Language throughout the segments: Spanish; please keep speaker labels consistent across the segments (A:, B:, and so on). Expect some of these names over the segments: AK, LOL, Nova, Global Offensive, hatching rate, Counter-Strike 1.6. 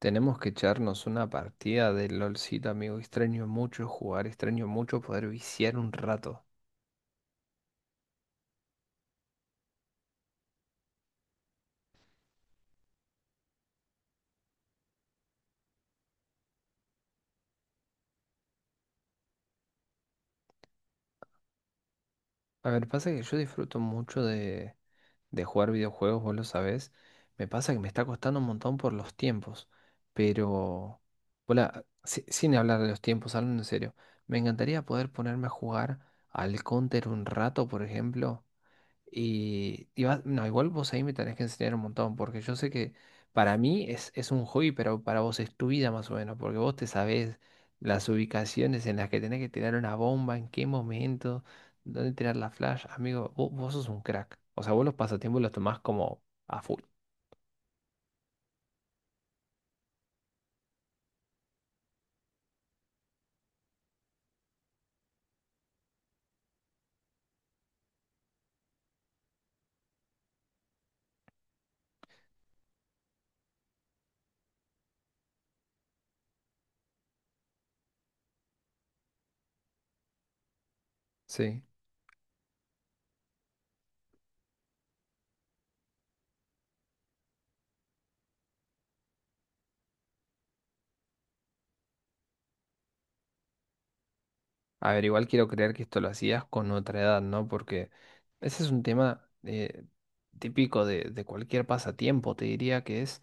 A: Tenemos que echarnos una partida de LOLcito, amigo. Extraño mucho jugar, extraño mucho poder viciar un rato. A ver, pasa que yo disfruto mucho de jugar videojuegos, vos lo sabés. Me pasa que me está costando un montón por los tiempos. Pero, hola, sin hablar de los tiempos, hablando en serio, me encantaría poder ponerme a jugar al Counter un rato, por ejemplo. No, igual vos ahí me tenés que enseñar un montón, porque yo sé que para mí es un hobby, pero para vos es tu vida más o menos, porque vos te sabés las ubicaciones en las que tenés que tirar una bomba, en qué momento, dónde tirar la flash. Amigo, vos sos un crack. O sea, vos los pasatiempos los tomás como a full. Sí. A ver, igual quiero creer que esto lo hacías con otra edad, ¿no? Porque ese es un tema típico de cualquier pasatiempo, te diría que es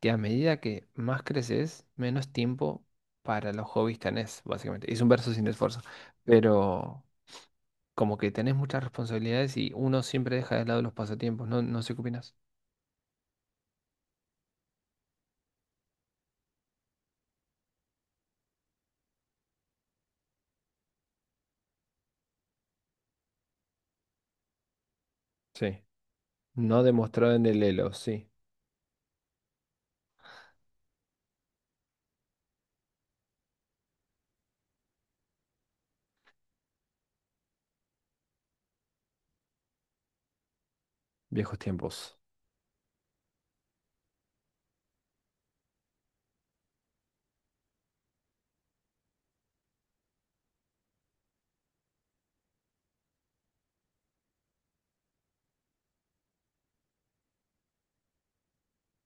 A: que a medida que más creces, menos tiempo para los hobbies tenés, básicamente. Es un verso sin esfuerzo, pero como que tenés muchas responsabilidades y uno siempre deja de lado los pasatiempos, no sé qué opinas. Sí, no demostrado en el Elo, sí, viejos tiempos.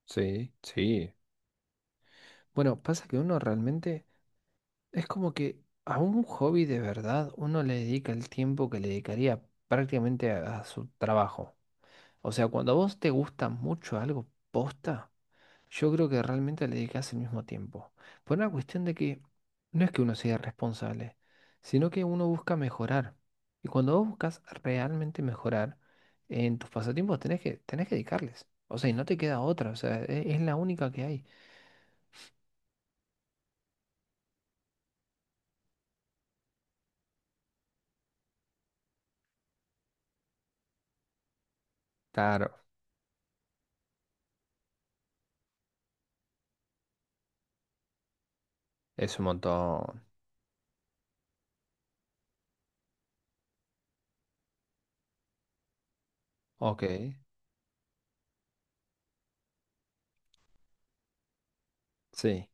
A: Sí, sí. Bueno, pasa que uno realmente es como que a un hobby de verdad uno le dedica el tiempo que le dedicaría prácticamente a su trabajo. O sea, cuando a vos te gusta mucho algo posta, yo creo que realmente le dedicas el mismo tiempo. Por una cuestión de que no es que uno sea responsable sino que uno busca mejorar. Y cuando vos buscas realmente mejorar en tus pasatiempos, tenés que dedicarles. O sea, y no te queda otra. O sea, la única que hay. Claro, es un montón. Ok, sí,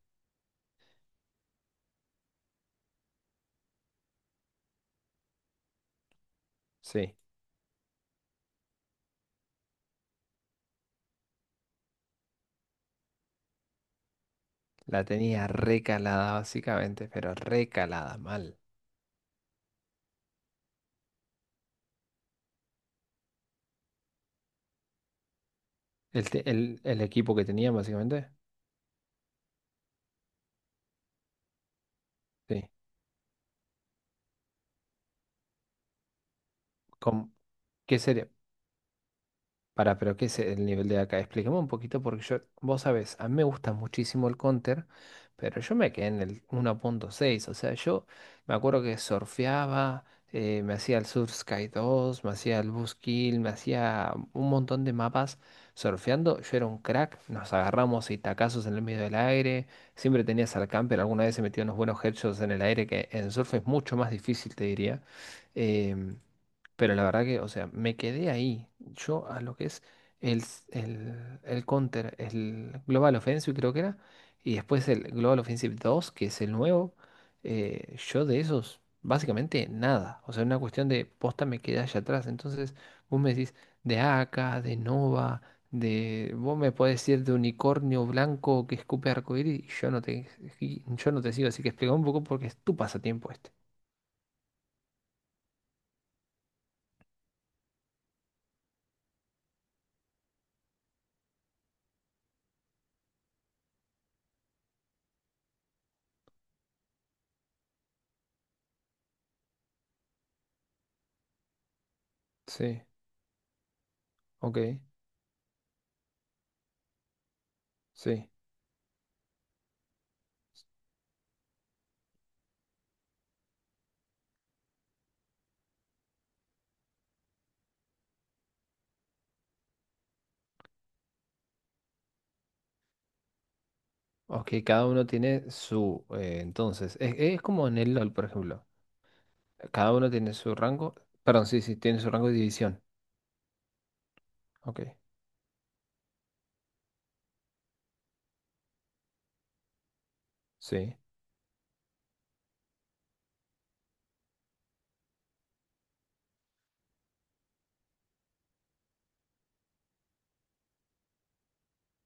A: sí. La tenía recalada básicamente, pero recalada mal. El equipo que tenía básicamente, sí. ¿Cómo? ¿Qué sería? Para, pero ¿qué es el nivel de acá? Explícame un poquito porque yo, vos sabés, a mí me gusta muchísimo el counter, pero yo me quedé en el 1.6, o sea, yo me acuerdo que surfeaba, me hacía el surf sky 2, me hacía el Boost Kill, me hacía un montón de mapas surfeando, yo era un crack, nos agarramos y tacazos en el medio del aire, siempre tenías al camper, alguna vez se metió unos buenos headshots en el aire que en surf es mucho más difícil, te diría. em, pero la verdad que, o sea, me quedé ahí. Yo a lo que es el Counter, el Global Offensive creo que era, y después el Global Offensive 2 que es el nuevo, yo de esos, básicamente nada. O sea, una cuestión de posta me quedé allá atrás. Entonces, vos me decís de AK, de Nova, de... Vos me podés decir de unicornio blanco que escupe arcoíris y yo no te, y yo no te sigo. Así que explica un poco porque es tu pasatiempo este. Sí, ok, sí. Ok, cada uno tiene su, entonces, es como en el LOL, por ejemplo. Cada uno tiene su rango, perdón, sí, sí, tiene su rango de división. Ok, sí,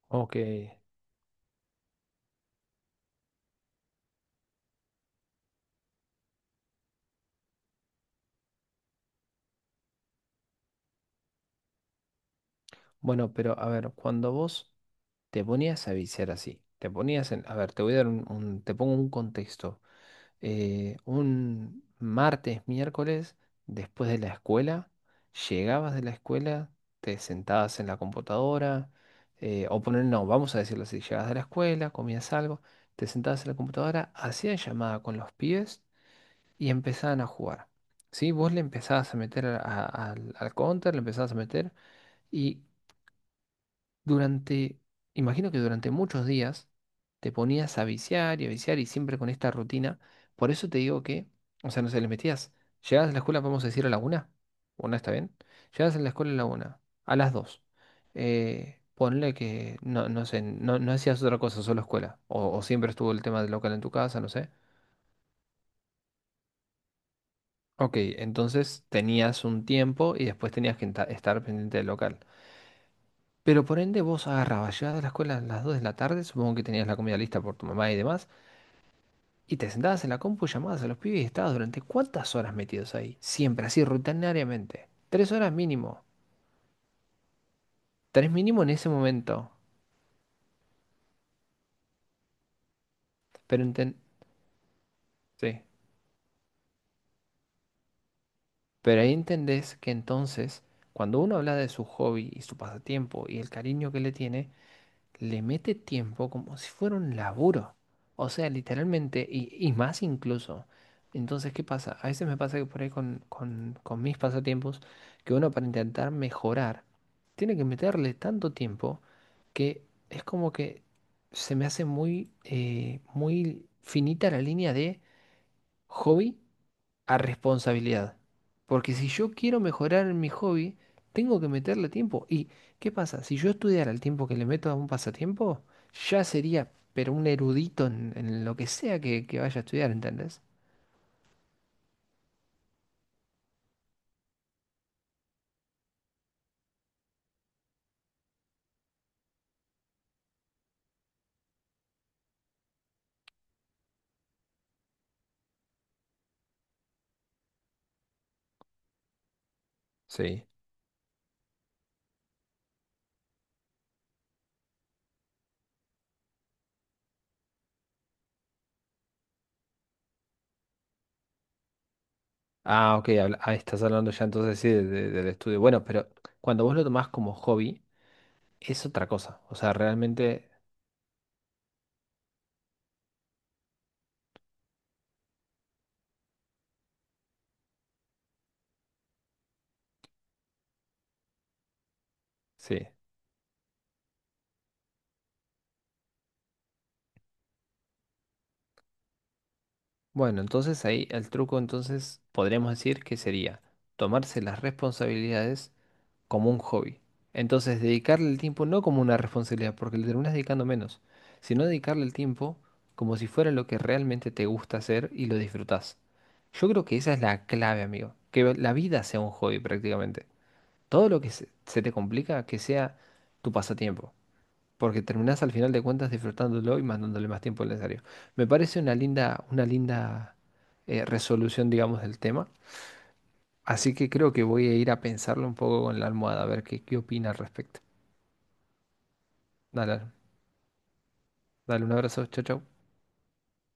A: ok. Bueno, pero a ver, cuando vos te ponías a viciar así, te ponías en, a ver, te voy a dar te pongo un contexto. Eh, un martes, miércoles, después de la escuela, llegabas de la escuela, te sentabas en la computadora, o poner, no, vamos a decirlo así, llegabas de la escuela, comías algo, te sentabas en la computadora, hacían llamada con los pibes y empezaban a jugar. ¿Sí? Vos le empezabas a meter al counter, le empezabas a meter y durante, imagino que durante muchos días te ponías a viciar y siempre con esta rutina. Por eso te digo que, o sea, no se les metías. Llegabas a la escuela, vamos a decir, a la una. Una está bien. Llegabas a la escuela a la una, a las dos. Ponle que, no sé, no hacías otra cosa, solo escuela. O siempre estuvo el tema del local en tu casa, no sé. Ok, entonces tenías un tiempo y después tenías que estar pendiente del local. Pero por ende vos agarrabas, llegabas de la escuela a las 2 de la tarde, supongo que tenías la comida lista por tu mamá y demás, y te sentabas en la compu, llamabas a los pibes y estabas durante cuántas horas metidos ahí, siempre, así, rutinariamente. 3 horas mínimo, 3 mínimo en ese momento. Pero, enten- sí. Pero ahí entendés que entonces, cuando uno habla de su hobby y su pasatiempo y el cariño que le tiene, le mete tiempo como si fuera un laburo. O sea, literalmente, y más incluso. Entonces, ¿qué pasa? A veces me pasa que por ahí con mis pasatiempos, que uno para intentar mejorar, tiene que meterle tanto tiempo que es como que se me hace muy, muy finita la línea de hobby a responsabilidad. Porque si yo quiero mejorar en mi hobby, tengo que meterle tiempo. ¿Y qué pasa? Si yo estudiara el tiempo que le meto a un pasatiempo, ya sería, pero un erudito en lo que sea que vaya a estudiar, ¿entendés? Sí. Ah, estás hablando ya entonces sí del estudio. Bueno, pero cuando vos lo tomás como hobby, es otra cosa. O sea, realmente sí. Bueno, entonces ahí el truco, entonces podríamos decir que sería tomarse las responsabilidades como un hobby. Entonces, dedicarle el tiempo no como una responsabilidad, porque le terminas dedicando menos, sino dedicarle el tiempo como si fuera lo que realmente te gusta hacer y lo disfrutás. Yo creo que esa es la clave, amigo. Que la vida sea un hobby prácticamente. Todo lo que se te complica, que sea tu pasatiempo. Porque terminás al final de cuentas disfrutándolo y mandándole más tiempo al necesario. Me parece una linda resolución, digamos, del tema. Así que creo que voy a ir a pensarlo un poco con la almohada, a ver qué opina al respecto. Dale, dale un abrazo, chau, chau.